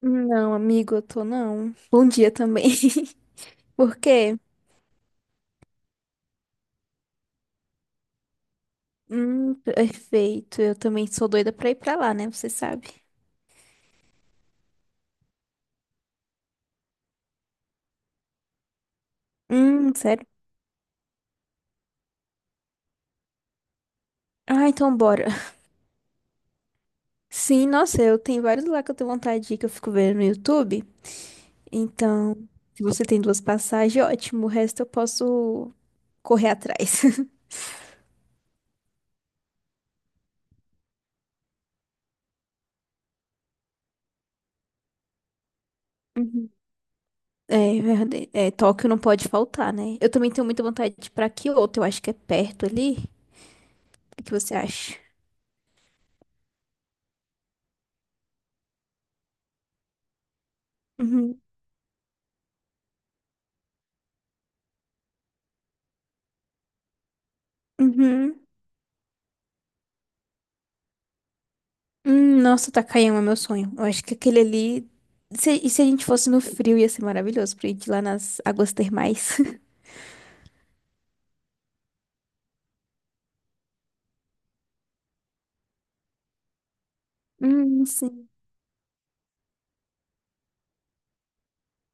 Não, amigo, eu tô não. Bom dia também. Por quê? Perfeito. Eu também sou doida pra ir pra lá, né? Você sabe. Sério? Ah, então bora. Sim, nossa, eu tenho vários lá que eu tenho vontade de ir, que eu fico vendo no YouTube. Então, se você tem duas passagens, ótimo. O resto eu posso correr atrás. Uhum. É, verdade. É, Tóquio não pode faltar, né? Eu também tenho muita vontade de ir pra Kyoto. Eu acho que é perto ali. O que você acha? Uhum. Uhum. Nossa, Takayama é meu sonho. Eu acho que aquele ali. Se a gente fosse no frio, ia ser maravilhoso pra gente ir lá nas águas termais. Sim.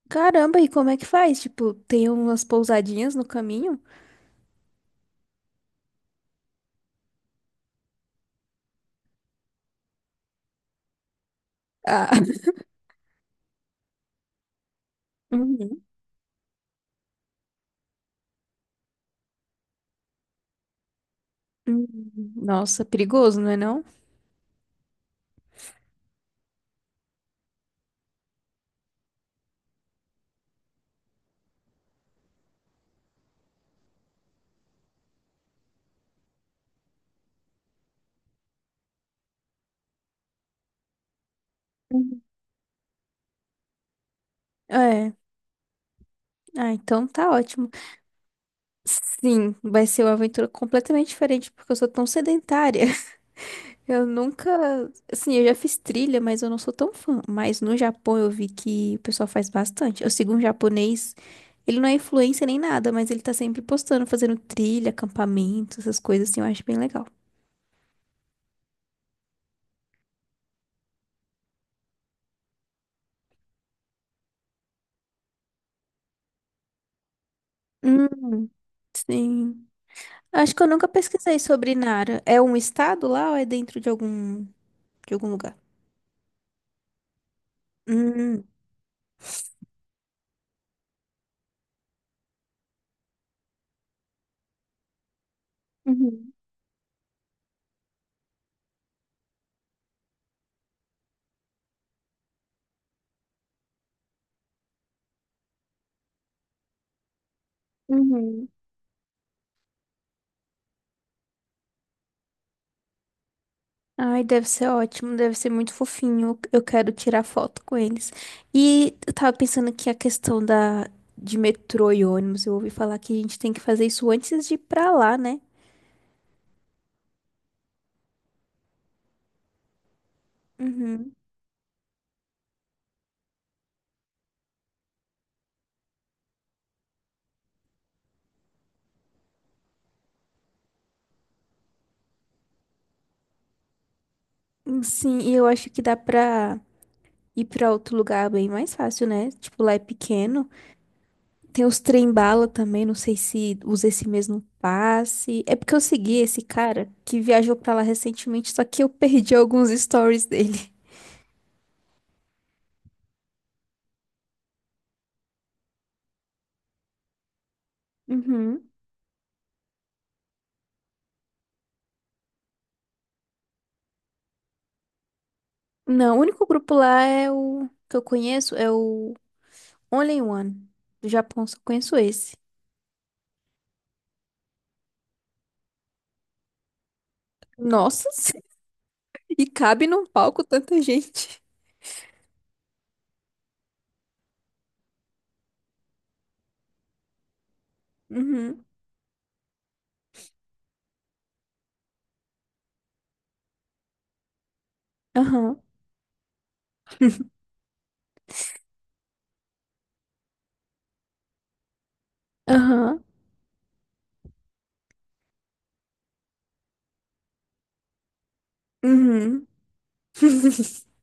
Caramba, e como é que faz? Tipo, tem umas pousadinhas no caminho? Ah. Uhum. Uhum. Nossa, perigoso, não é não? Uhum. É. Ah, então tá ótimo. Sim, vai ser uma aventura completamente diferente, porque eu sou tão sedentária. Eu nunca, assim, eu já fiz trilha, mas eu não sou tão fã. Mas no Japão eu vi que o pessoal faz bastante. Eu sigo um japonês, ele não é influencer nem nada, mas ele tá sempre postando, fazendo trilha, acampamento, essas coisas assim, eu acho bem legal. Hum, sim. Acho que eu nunca pesquisei sobre Nara. É um estado lá ou é dentro de algum lugar? Hum. Uhum. Uhum. Ai, deve ser ótimo, deve ser muito fofinho. Eu quero tirar foto com eles. E eu tava pensando que a questão da de metrô e ônibus, eu ouvi falar que a gente tem que fazer isso antes de ir pra lá, né? Uhum. Sim, e eu acho que dá pra ir pra outro lugar bem mais fácil, né? Tipo, lá é pequeno. Tem os trem-bala também, não sei se usa esse mesmo passe. É porque eu segui esse cara que viajou pra lá recentemente, só que eu perdi alguns stories dele. Uhum. Não, o único grupo lá é o que eu conheço é o Only One. Do Japão só conheço esse. Nossa, e cabe num palco tanta gente. Uhum. Aham. Aham. Uhum.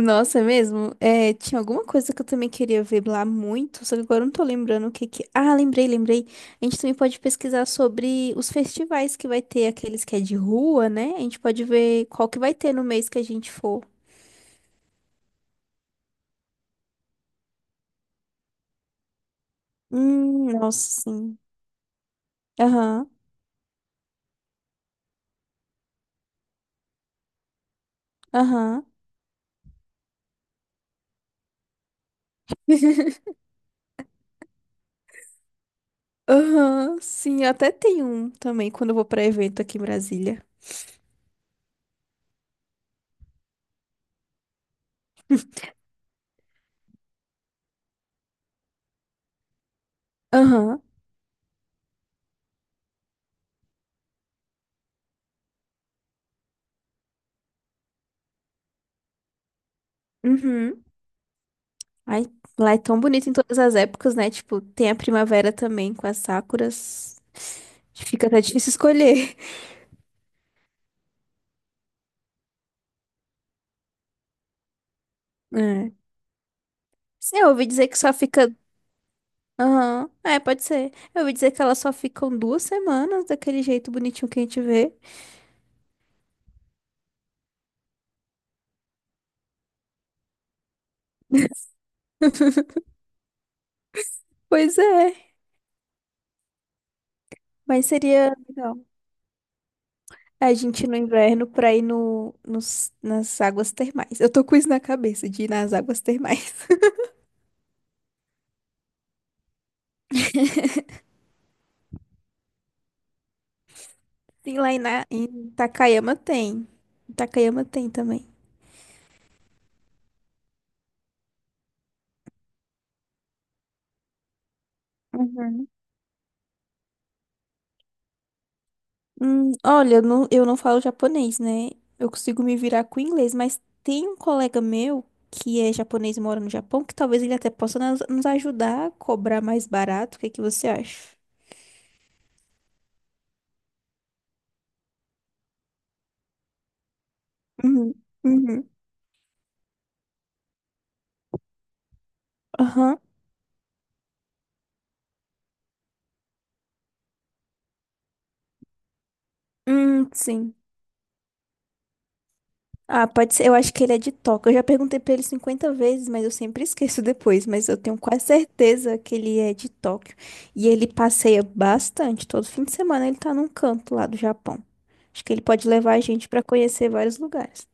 Nossa, é mesmo? É, tinha alguma coisa que eu também queria ver lá muito, só que agora eu não tô lembrando o que que... Ah, lembrei, lembrei. A gente também pode pesquisar sobre os festivais que vai ter, aqueles que é de rua, né? A gente pode ver qual que vai ter no mês que a gente for. Nossa, sim. Aham, aham. Aham, sim, eu até tenho um também quando eu vou pra evento aqui em Brasília. Aham, uhum. Ai, lá é tão bonito em todas as épocas, né? Tipo, tem a primavera também com as sakuras. Fica até difícil escolher. É. Sim, eu ouvi dizer que só fica. Aham, é, pode ser. Eu ouvi dizer que elas só ficam 2 semanas daquele jeito bonitinho que a gente vê. Pois é, mas seria legal. A gente no inverno pra ir no, nos, nas águas termais. Eu tô com isso na cabeça, de ir nas águas termais. Sim, lá em Takayama tem. Takayama tem também. Uhum. Olha, eu não falo japonês, né? Eu consigo me virar com inglês, mas tem um colega meu que é japonês e mora no Japão que talvez ele até possa nos ajudar a cobrar mais barato. O que que você acha? Uhum, uhum, aham. Sim. Ah, pode ser. Eu acho que ele é de Toca. Eu já perguntei pra ele 50 vezes, mas eu sempre esqueço depois. Mas eu tenho quase certeza que ele é de Tóquio. E ele passeia bastante. Todo fim de semana ele tá num canto lá do Japão. Acho que ele pode levar a gente pra conhecer vários lugares.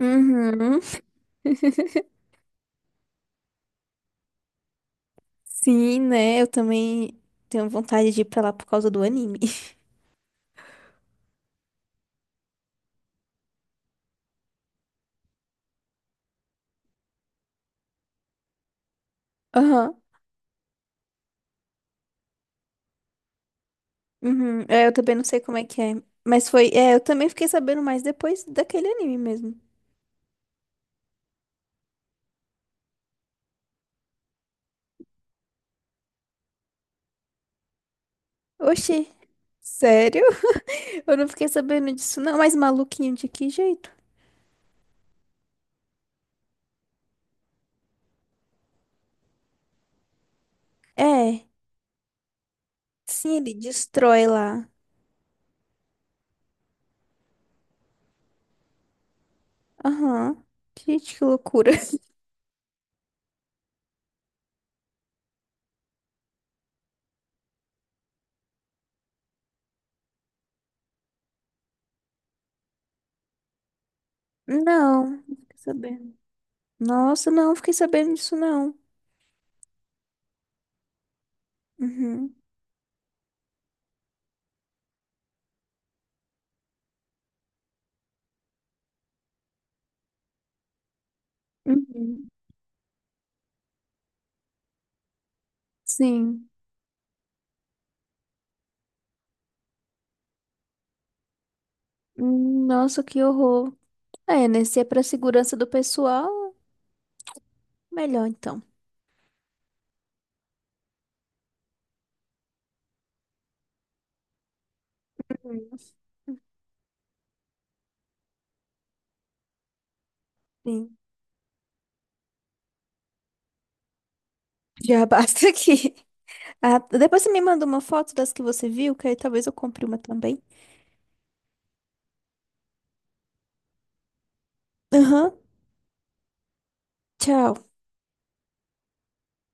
Uhum. Sim, né? Eu também tenho vontade de ir pra lá por causa do anime. Aham. Uhum. É, eu também não sei como é que é. Mas foi. É, eu também fiquei sabendo mais depois daquele anime mesmo. Oxi, sério? Eu não fiquei sabendo disso, não. Mas maluquinho de que jeito? É, sim, ele destrói lá. Aham. Gente, que loucura. Não, não fiquei sabendo. Nossa, não, fiquei sabendo disso, não. Uhum. Uhum. Sim. Nossa, que horror. É, né? Se é pra segurança do pessoal, melhor então. Uhum. Sim. Já basta aqui. Ah, depois você me manda uma foto das que você viu, que aí talvez eu compre uma também. Aham. Tchau.